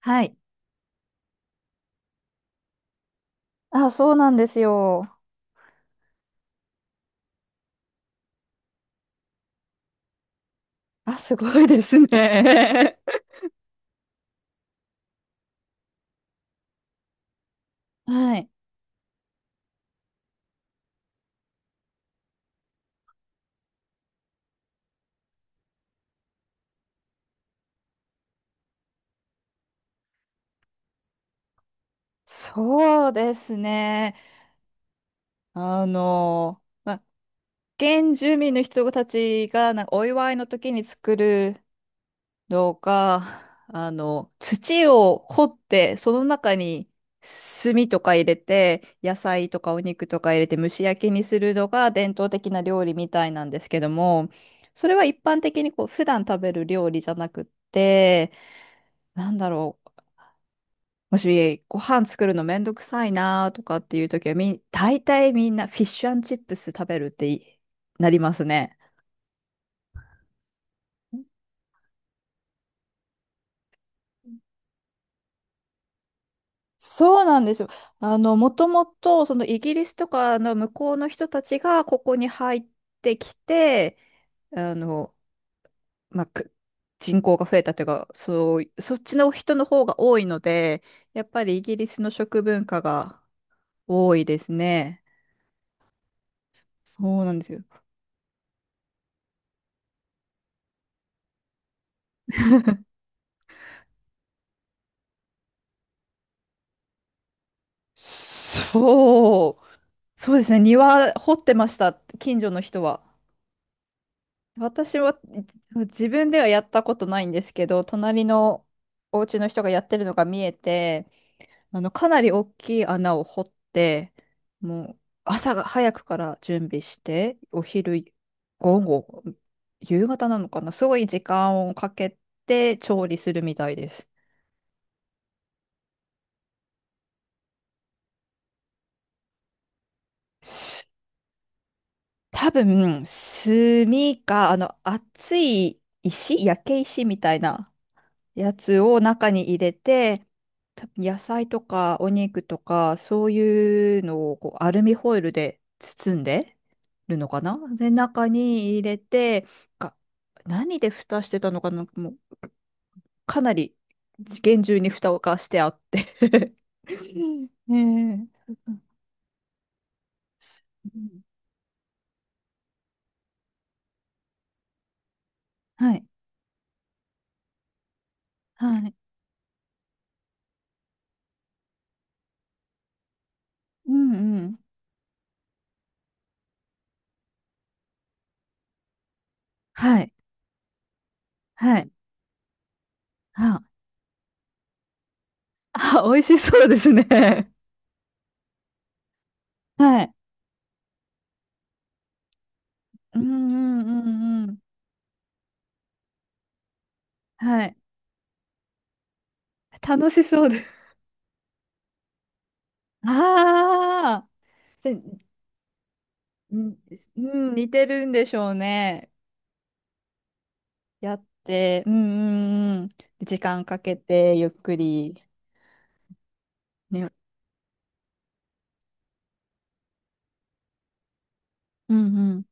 はい。あ、そうなんですよ。あ、すごいですね。はい。そうですね。あの、まあ、原住民の人たちがなんかお祝いの時に作るのが、土を掘って、その中に炭とか入れて、野菜とかお肉とか入れて蒸し焼きにするのが伝統的な料理みたいなんですけども、それは一般的にこう普段食べる料理じゃなくって、なんだろう。もしご飯作るのめんどくさいなとかっていう時は大体みんなフィッシュチップス食べるっていなりますね。そうなんですよ。もともと、そのイギリスとかの向こうの人たちがここに入ってきて、あの、まあ、く人口が増えたというか、そう、そっちの人の方が多いので、やっぱりイギリスの食文化が多いですね。そうなんですよ。そう。そうですね。庭掘ってました。近所の人は。私は自分ではやったことないんですけど、隣のお家の人がやってるのが見えて、かなり大きい穴を掘って、もう朝が早くから準備して、お昼、午後、夕方なのかな、すごい時間をかけて調理するみたいです。多分、炭か、熱い石、焼け石みたいなやつを中に入れて、多分野菜とかお肉とか、そういうのをこうアルミホイルで包んでるのかな、で、中に入れて、が何で蓋してたのかな、もう、かなり厳重に蓋をかしてあって うん。ねえ。うん。はい。はい。うんうん。はい。はい。あ、美味しそうですね。はい。うんうんうんうん。はい。楽しそうです。ああ、でんうん、似てるんでしょうね。やって、うんうんうん。時間かけて、ゆっくり。ね、うんうん。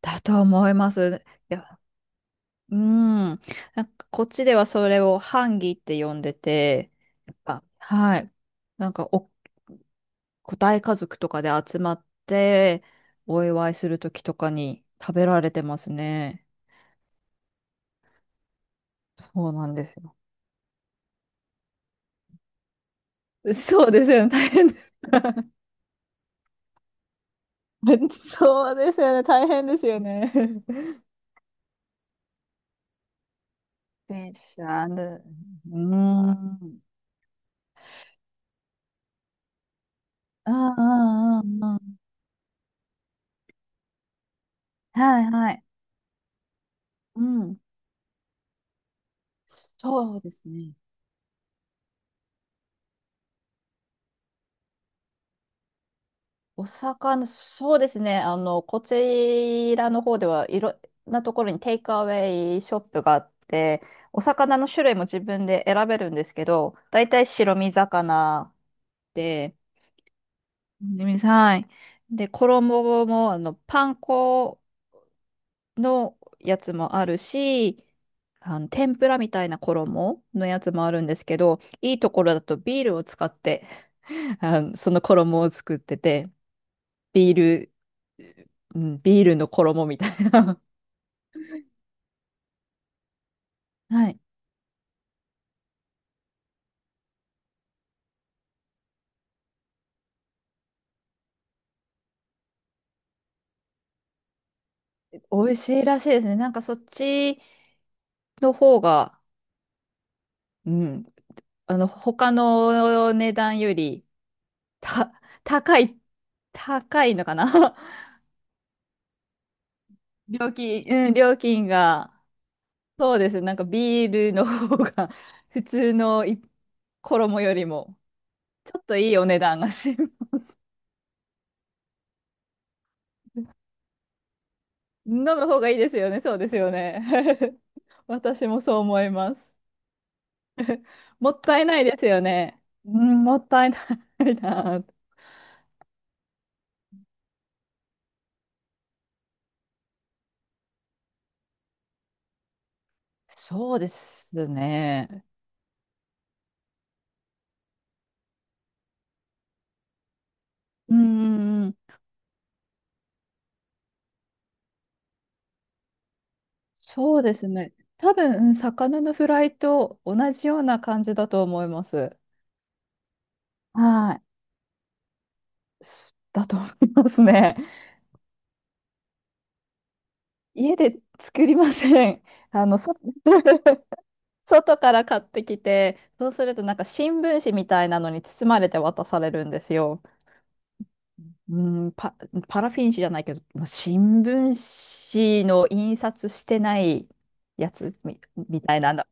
だと思います。いや、うん。なんかこっちではそれをハンギって呼んでて、やっぱ、はい。なんか個体家族とかで集まってお祝いするときとかに食べられてますね。そうなんですよ。そうですよね。大変です。そうですよね。大変ですよね。フィシンうん。うんうんうんうん。はいはい。うん。そうですね。お魚、そうですね。こちらの方ではいろんなところにテイクアウェイショップがあって、お魚の種類も自分で選べるんですけど、だいたい白身魚で、ね、はい。で、衣も、パン粉のやつもあるし、天ぷらみたいな衣のやつもあるんですけど、いいところだとビールを使って、その衣を作ってて、ビール、うん、ビールの衣みたいな。 はい。美味しいらしいですね。なんかそっちの方が、うん、他の値段より、た、高い、高いのかな。 料金、うん、料金が、そうです。なんかビールの方が普通の衣よりも、ちょっといいお値段がし、飲む方がいいですよね。そうですよね。私もそう思います。もったいないですよね。うん、もったいないな。そうですね。うん、そうですね。多分、うん、魚のフライと同じような感じだと思います。はい。だと思いますね。家で作りません。あの、そ 外から買ってきて、そうするとなんか新聞紙みたいなのに包まれて渡されるんですよ。うん、パラフィン紙じゃないけど、まあ新聞紙の印刷してないやつみ、みたいなの。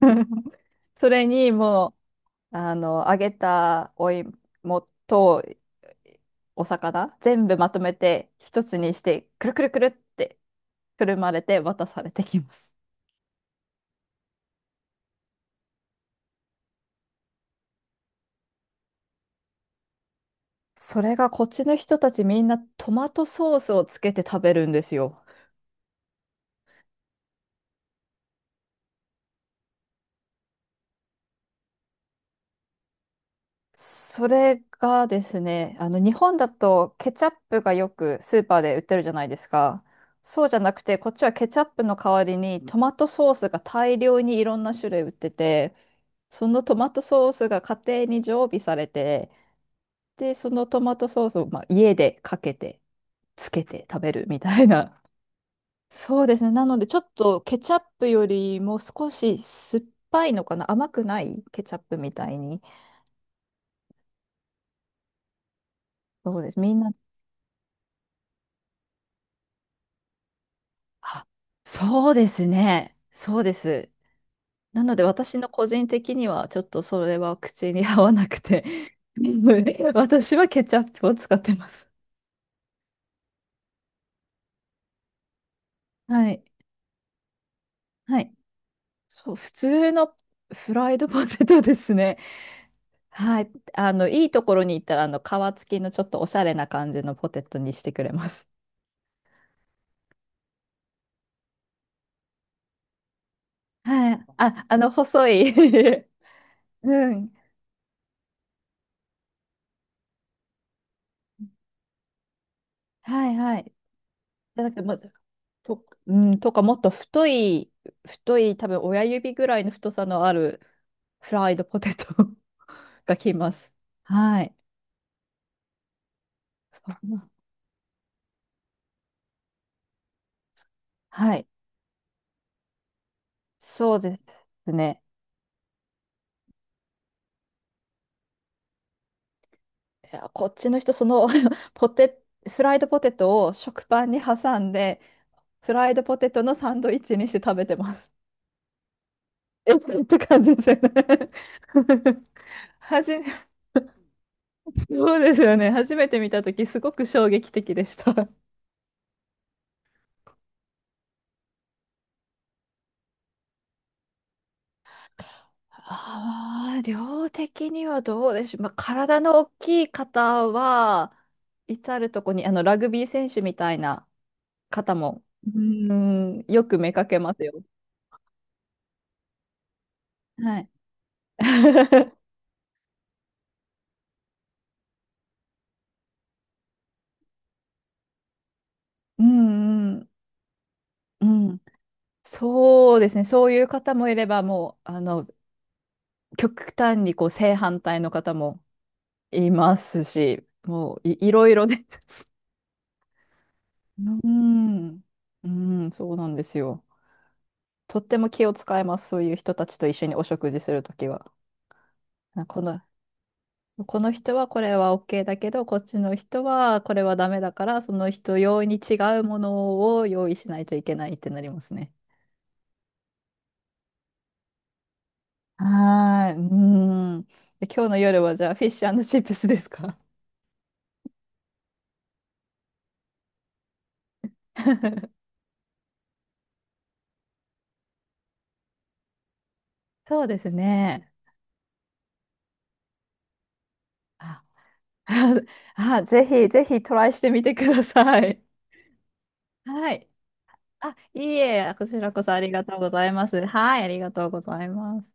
それにもう、揚げたお芋とお魚、全部まとめて一つにして、くるくるくるってくるまれて渡されてきます。それがこっちの人たちみんなトマトソースをつけて食べるんですよ。それがですね、日本だとケチャップがよくスーパーで売ってるじゃないですか。そうじゃなくて、こっちはケチャップの代わりにトマトソースが大量にいろんな種類売ってて、そのトマトソースが家庭に常備されて、で、そのトマトソースをまあ家でかけて、つけて食べるみたいな。そうですね。なので、ちょっとケチャップよりも少し酸っぱいのかな、甘くないケチャップみたいに。そうです。みんな、あ、そうですね。そうです。なので私の個人的にはちょっとそれは口に合わなくて、 私はケチャップを使ってます。はい。はい。そう、普通のフライドポテトですね。はい。いいところに行ったら、皮付きのちょっとおしゃれな感じのポテトにしてくれます。はい。あ、細い。 うん。はいはい。だからもうと、うん、とかもっと太い、太い、多分親指ぐらいの太さのあるフライドポテト がきます。はい。そんな、はい。そうですね。いや、こっちの人、ポテ、フライドポテトを食パンに挟んで、フライドポテトのサンドイッチにして食べてます。えって感じですよね。 はじめ、そうですよね。初めて見たとき、すごく衝撃的でした。ああ、量的にはどうでしょう。まあ、体の大きい方は、至るとこに、ラグビー選手みたいな方も、よく目かけますよ。はい。うんうん、うん。そうですね。そういう方もいれば、もう、極端にこう正反対の方もいますし、もういろいろです。うん、うん、そうなんですよ。とっても気を使います。そういう人たちと一緒にお食事するときは。あこの、この人はこれは OK だけど、こっちの人はこれはダメだから、その人用に違うものを用意しないといけないってなりますね。はーい。うーん。で、今日の夜はじゃあフィッシュチップスですか？ そうですね。あ、あ、ぜひぜひトライしてみてください。はい。あ、いいえ、こちらこそありがとうございます。はい、ありがとうございます。